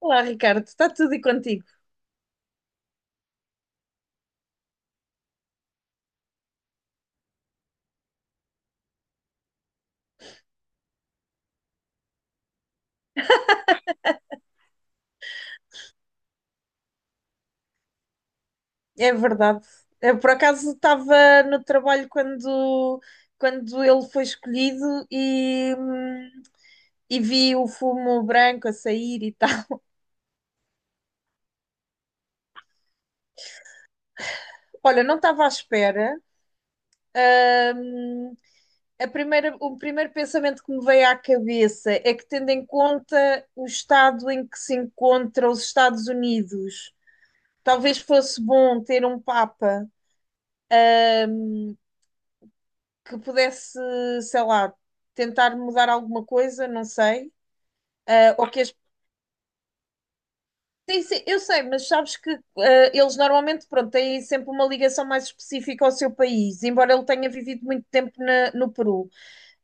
Olá, Ricardo, está tudo e contigo? É verdade. Eu, por acaso, estava no trabalho quando ele foi escolhido e vi o fumo branco a sair e tal. Olha, não estava à espera. O primeiro pensamento que me veio à cabeça é que, tendo em conta o estado em que se encontra os Estados Unidos, talvez fosse bom ter um Papa que pudesse, sei lá, tentar mudar alguma coisa, não sei. Ah, ou que as Sim, sim, eu sei, mas sabes que eles normalmente, pronto, têm sempre uma ligação mais específica ao seu país, embora ele tenha vivido muito tempo no Peru.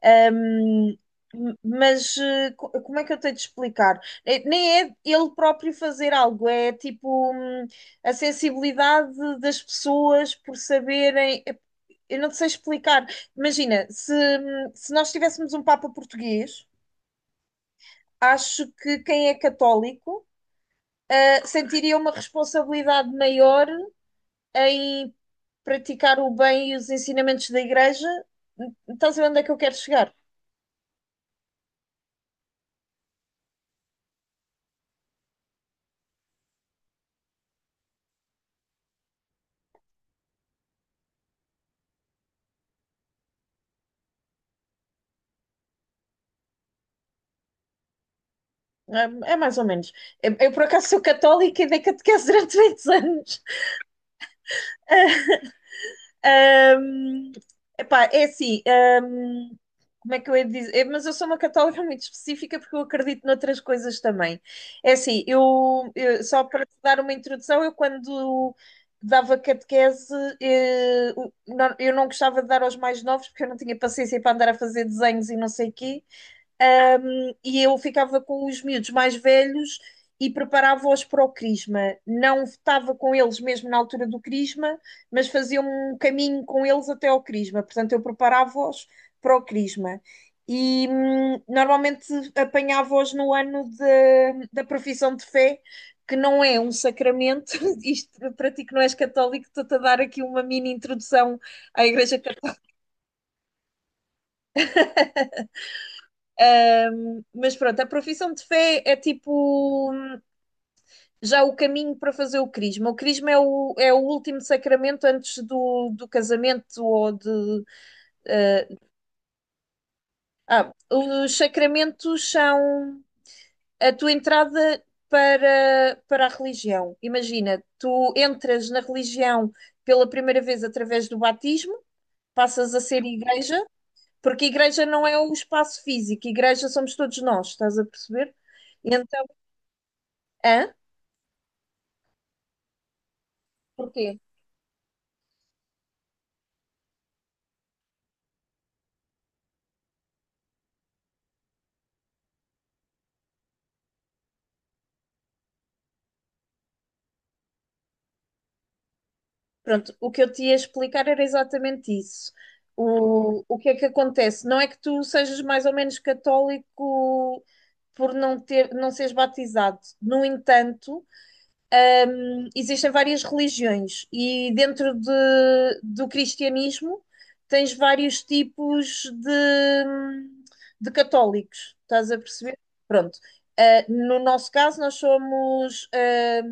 Ahm, mas como é que eu tenho de explicar? Nem é ele próprio fazer algo, é tipo a sensibilidade das pessoas por saberem. Eu não te sei explicar. Imagina, se nós tivéssemos um Papa português, acho que quem é católico sentiria uma responsabilidade maior em praticar o bem e os ensinamentos da igreja. Estás a ver onde é que eu quero chegar? É, é mais ou menos. Eu, por acaso, sou católica e dei catequese durante 20 anos. Uh, Epá, é assim, como é que eu ia dizer? É, mas eu sou uma católica muito específica porque eu acredito noutras coisas também. É assim, só para te dar uma introdução, eu quando dava catequese, eu não gostava de dar aos mais novos porque eu não tinha paciência para andar a fazer desenhos e não sei o quê e eu ficava com os miúdos mais velhos e preparava-os para o crisma. Não estava com eles mesmo na altura do crisma, mas fazia um caminho com eles até ao crisma. Portanto, eu preparava-os para o crisma. E normalmente apanhava-os no ano da profissão de fé, que não é um sacramento. Isto para ti que não és católico, estou-te a dar aqui uma mini introdução à Igreja Católica. Mas pronto, a profissão de fé é tipo já o caminho para fazer o crisma. O crisma é o último sacramento antes do casamento ou de. eh, os sacramentos são a tua entrada para a religião. Imagina, tu entras na religião pela primeira vez através do batismo, passas a ser igreja, porque igreja não é o espaço físico, igreja somos todos nós, estás a perceber? Então, hã? Porquê? Pronto, o que eu te ia explicar era exatamente isso. O que é que acontece? Não é que tu sejas mais ou menos católico por não ter, não seres batizado. No entanto, existem várias religiões e do cristianismo tens vários tipos de católicos. Estás a perceber? Pronto. No nosso caso, nós somos,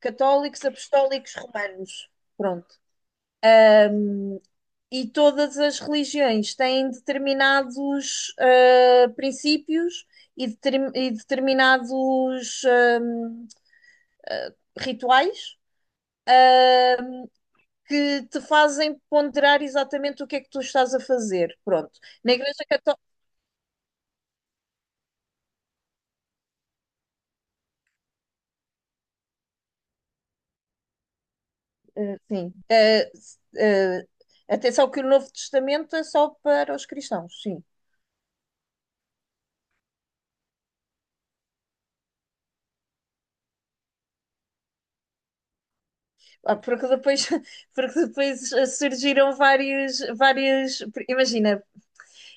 católicos apostólicos romanos. Pronto. E todas as religiões têm determinados princípios e, e determinados rituais que te fazem ponderar exatamente o que é que tu estás a fazer. Pronto. Na Igreja Católica, sim. S- Atenção que o Novo Testamento é só para os cristãos, sim. Porque depois, surgiram vários, imagina,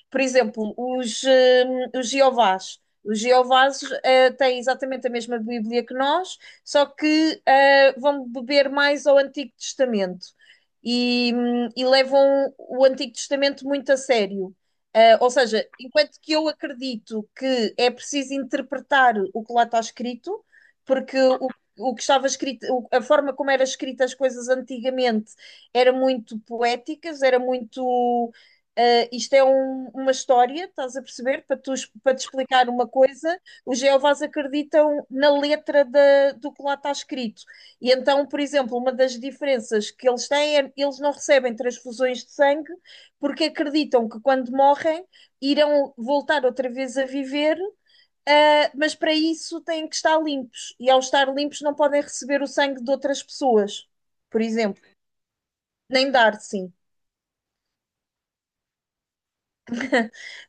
por exemplo, os Jeovás. Os Jeovás têm exatamente a mesma Bíblia que nós, só que vão beber mais ao Antigo Testamento e levam o Antigo Testamento muito a sério. Ou seja, enquanto que eu acredito que é preciso interpretar o que lá está escrito, porque o que estava escrito, a forma como eram escritas as coisas antigamente era muito poéticas, era muito isto é uma história, estás a perceber? Para, para te explicar uma coisa, os Jeovás acreditam na letra do que lá está escrito. E então, por exemplo, uma das diferenças que eles têm é eles não recebem transfusões de sangue porque acreditam que quando morrem irão voltar outra vez a viver, mas para isso têm que estar limpos. E ao estar limpos não podem receber o sangue de outras pessoas, por exemplo, nem dar, sim.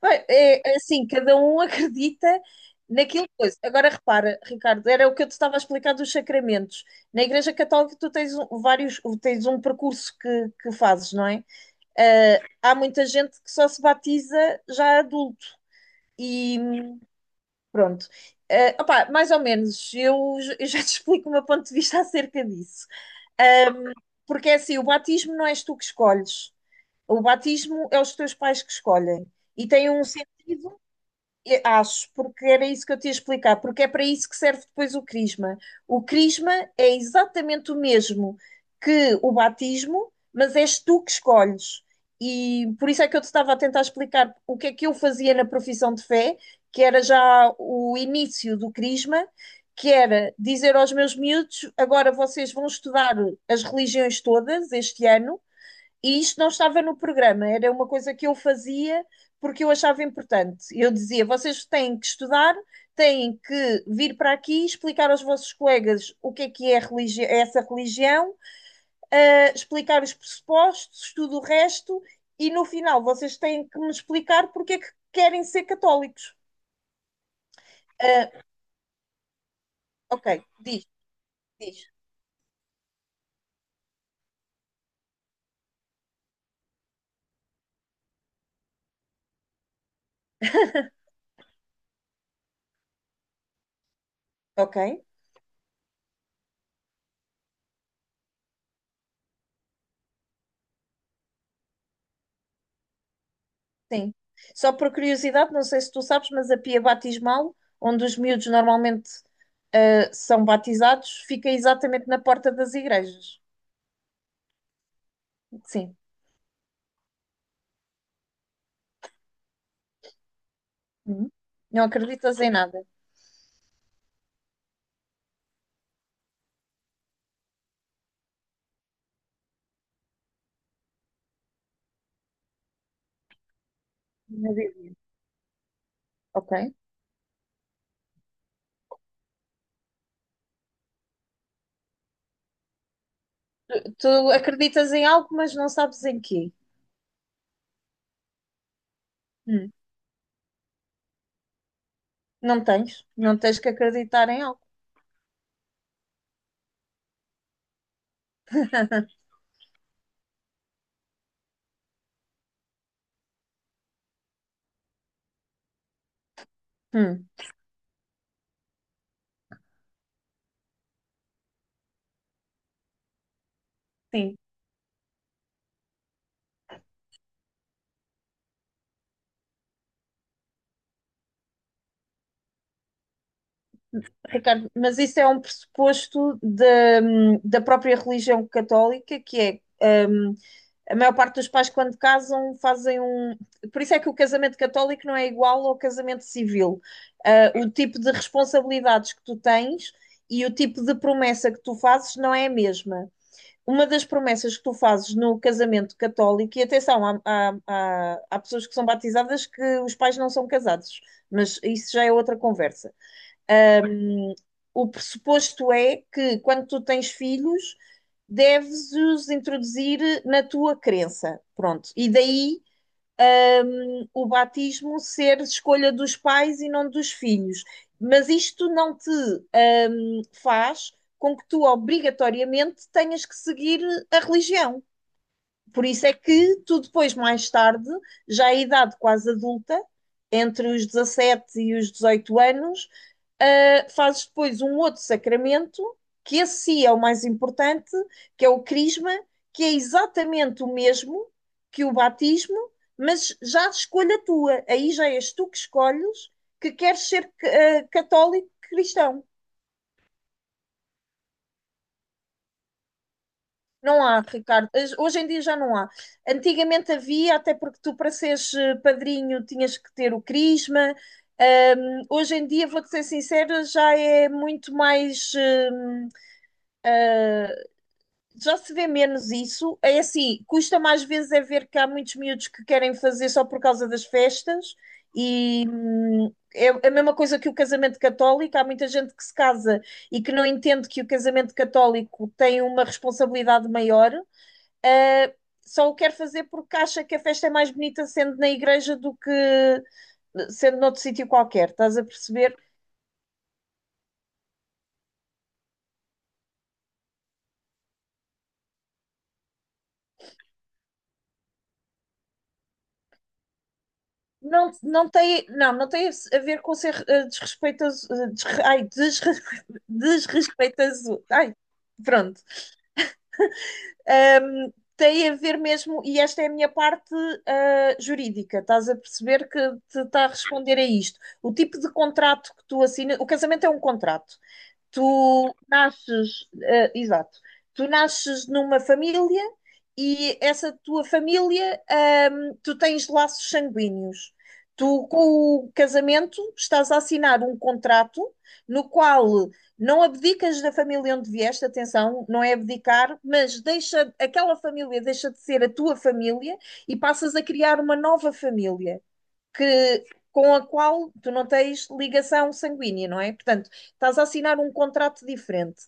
Bem, é assim, cada um acredita naquilo que coisa. Agora repara, Ricardo, era o que eu te estava a explicar dos sacramentos. Na Igreja Católica tu tens vários, tens um percurso que fazes, não é? Há muita gente que só se batiza já adulto e pronto. Opá, mais ou menos, eu já te explico o meu ponto de vista acerca disso. Ahm, Porque é assim, o batismo não és tu que escolhes. O batismo é os teus pais que escolhem. E tem um sentido. Acho, porque era isso que eu te ia explicar, porque é para isso que serve depois o crisma. O crisma é exatamente o mesmo que o batismo, mas és tu que escolhes. E por isso é que eu te estava a tentar explicar o que é que eu fazia na profissão de fé, que era já o início do crisma, que era dizer aos meus miúdos: agora vocês vão estudar as religiões todas este ano e isto não estava no programa, era uma coisa que eu fazia porque eu achava importante. Eu dizia: vocês têm que estudar, têm que vir para aqui explicar aos vossos colegas o que é religi é essa religião, explicar os pressupostos, tudo o resto, e no final vocês têm que me explicar porque é que querem ser católicos. Uh, ok, diz, diz. Ok, sim. Só por curiosidade, não sei se tu sabes, mas a pia batismal, onde os miúdos normalmente são batizados, fica exatamente na porta das igrejas. Sim. Uhum. Não acreditas em nada. Na Bíblia. Ok. Tu acreditas em algo, mas não sabes em quê. Hum. Não tens. Não tens que acreditar em algo. Hum. Sim. Ricardo, mas isso é um pressuposto da da própria religião católica, que é. A maior parte dos pais, quando casam, fazem um. Por isso é que o casamento católico não é igual ao casamento civil. O tipo de responsabilidades que tu tens e o tipo de promessa que tu fazes não é a mesma. Uma das promessas que tu fazes no casamento católico, e atenção, há pessoas que são batizadas que os pais não são casados, mas isso já é outra conversa. O pressuposto é que quando tu tens filhos, deves os introduzir na tua crença. Pronto. E daí o batismo ser escolha dos pais e não dos filhos. Mas isto não te faz com que tu obrigatoriamente tenhas que seguir a religião. Por isso é que tu depois, mais tarde, já à idade quase adulta, entre os 17 e os 18 anos, fazes depois um outro sacramento, que esse sim é o mais importante, que é o crisma, que é exatamente o mesmo que o batismo, mas já a escolha tua. Aí já és tu que escolhes que queres ser católico cristão. Não há, Ricardo. Hoje em dia já não há. Antigamente havia, até porque tu, para seres padrinho, tinhas que ter o crisma. Hoje em dia, vou-te ser sincera, já é muito mais. Já se vê menos isso. É assim, custa mais vezes é ver que há muitos miúdos que querem fazer só por causa das festas e é a mesma coisa que o casamento católico. Há muita gente que se casa e que não entende que o casamento católico tem uma responsabilidade maior. ah, Só o quer fazer porque acha que a festa é mais bonita sendo na igreja do que sendo noutro sítio qualquer, estás a perceber? Não, não tem a ver com ser desrespeitoso, desrespeitoso, pronto. Tem a ver mesmo, e esta é a minha parte jurídica, estás a perceber que te está a responder a isto. O tipo de contrato que tu assinas, o casamento é um contrato. Exato, tu nasces numa família e essa tua família, tu tens laços sanguíneos. Tu, com o casamento, estás a assinar um contrato no qual não abdicas da família onde vieste, atenção, não é abdicar, mas aquela família deixa de ser a tua família e passas a criar uma nova família que, com a qual tu não tens ligação sanguínea, não é? Portanto, estás a assinar um contrato diferente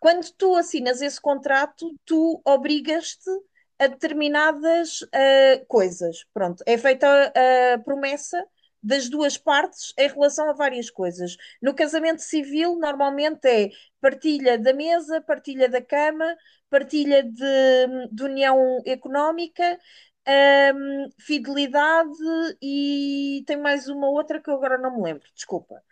quando tu assinas esse contrato, tu obrigas-te a determinadas coisas. Pronto, é feita a promessa das duas partes em relação a várias coisas. No casamento civil, normalmente é partilha da mesa, partilha da cama, partilha de união económica, fidelidade e tem mais uma outra que eu agora não me lembro, desculpa.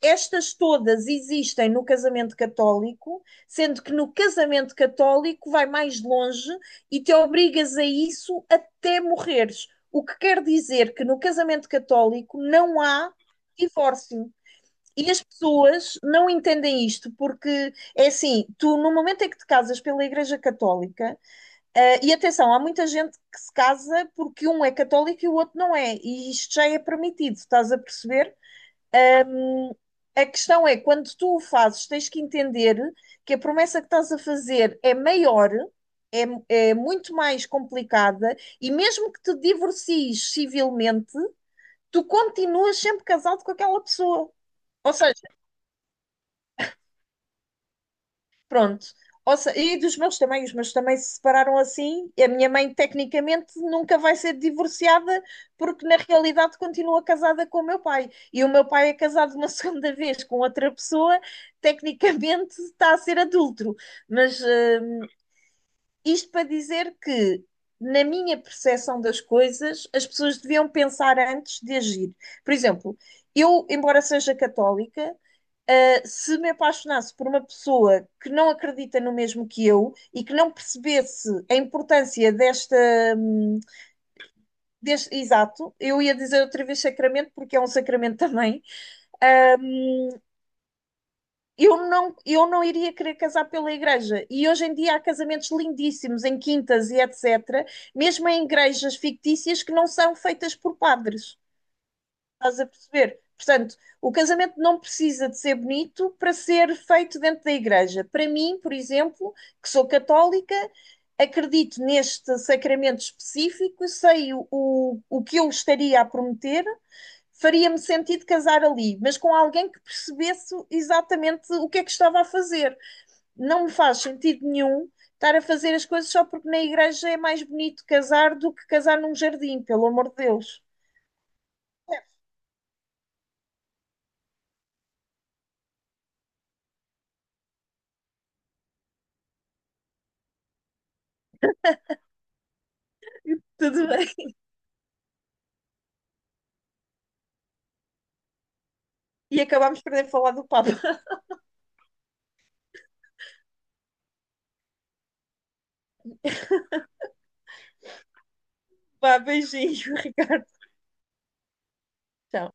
Estas todas existem no casamento católico, sendo que no casamento católico vai mais longe e te obrigas a isso até morreres. O que quer dizer que no casamento católico não há divórcio. E as pessoas não entendem isto, porque é assim: tu, no momento em que te casas pela Igreja Católica, e atenção, há muita gente que se casa porque um é católico e o outro não é, e isto já é permitido, estás a perceber? Hum, a questão é, quando tu o fazes, tens que entender que a promessa que estás a fazer é maior, é muito mais complicada, e mesmo que te divorcies civilmente, tu continuas sempre casado com aquela pessoa. Ou seja, pronto. Ou se- E dos meus também, os meus também se separaram assim. E a minha mãe, tecnicamente, nunca vai ser divorciada, porque na realidade continua casada com o meu pai. E o meu pai é casado uma segunda vez com outra pessoa, tecnicamente está a ser adúltero. Mas isto para dizer que, na minha percepção das coisas, as pessoas deviam pensar antes de agir. Por exemplo, eu, embora seja católica, se me apaixonasse por uma pessoa que não acredita no mesmo que eu e que não percebesse a importância desta, hum, deste, exato, eu ia dizer outra vez sacramento porque é um sacramento também, eu não iria querer casar pela igreja. E hoje em dia há casamentos lindíssimos em quintas e etc., mesmo em igrejas fictícias que não são feitas por padres. Estás a perceber? Portanto, o casamento não precisa de ser bonito para ser feito dentro da igreja. Para mim, por exemplo, que sou católica, acredito neste sacramento específico, sei o que eu estaria a prometer, faria-me sentido casar ali, mas com alguém que percebesse exatamente o que é que estava a fazer. Não me faz sentido nenhum estar a fazer as coisas só porque na igreja é mais bonito casar do que casar num jardim, pelo amor de Deus. Tudo bem. E acabámos por nem falar do Papa. Vá, beijinho, Ricardo. Tchau.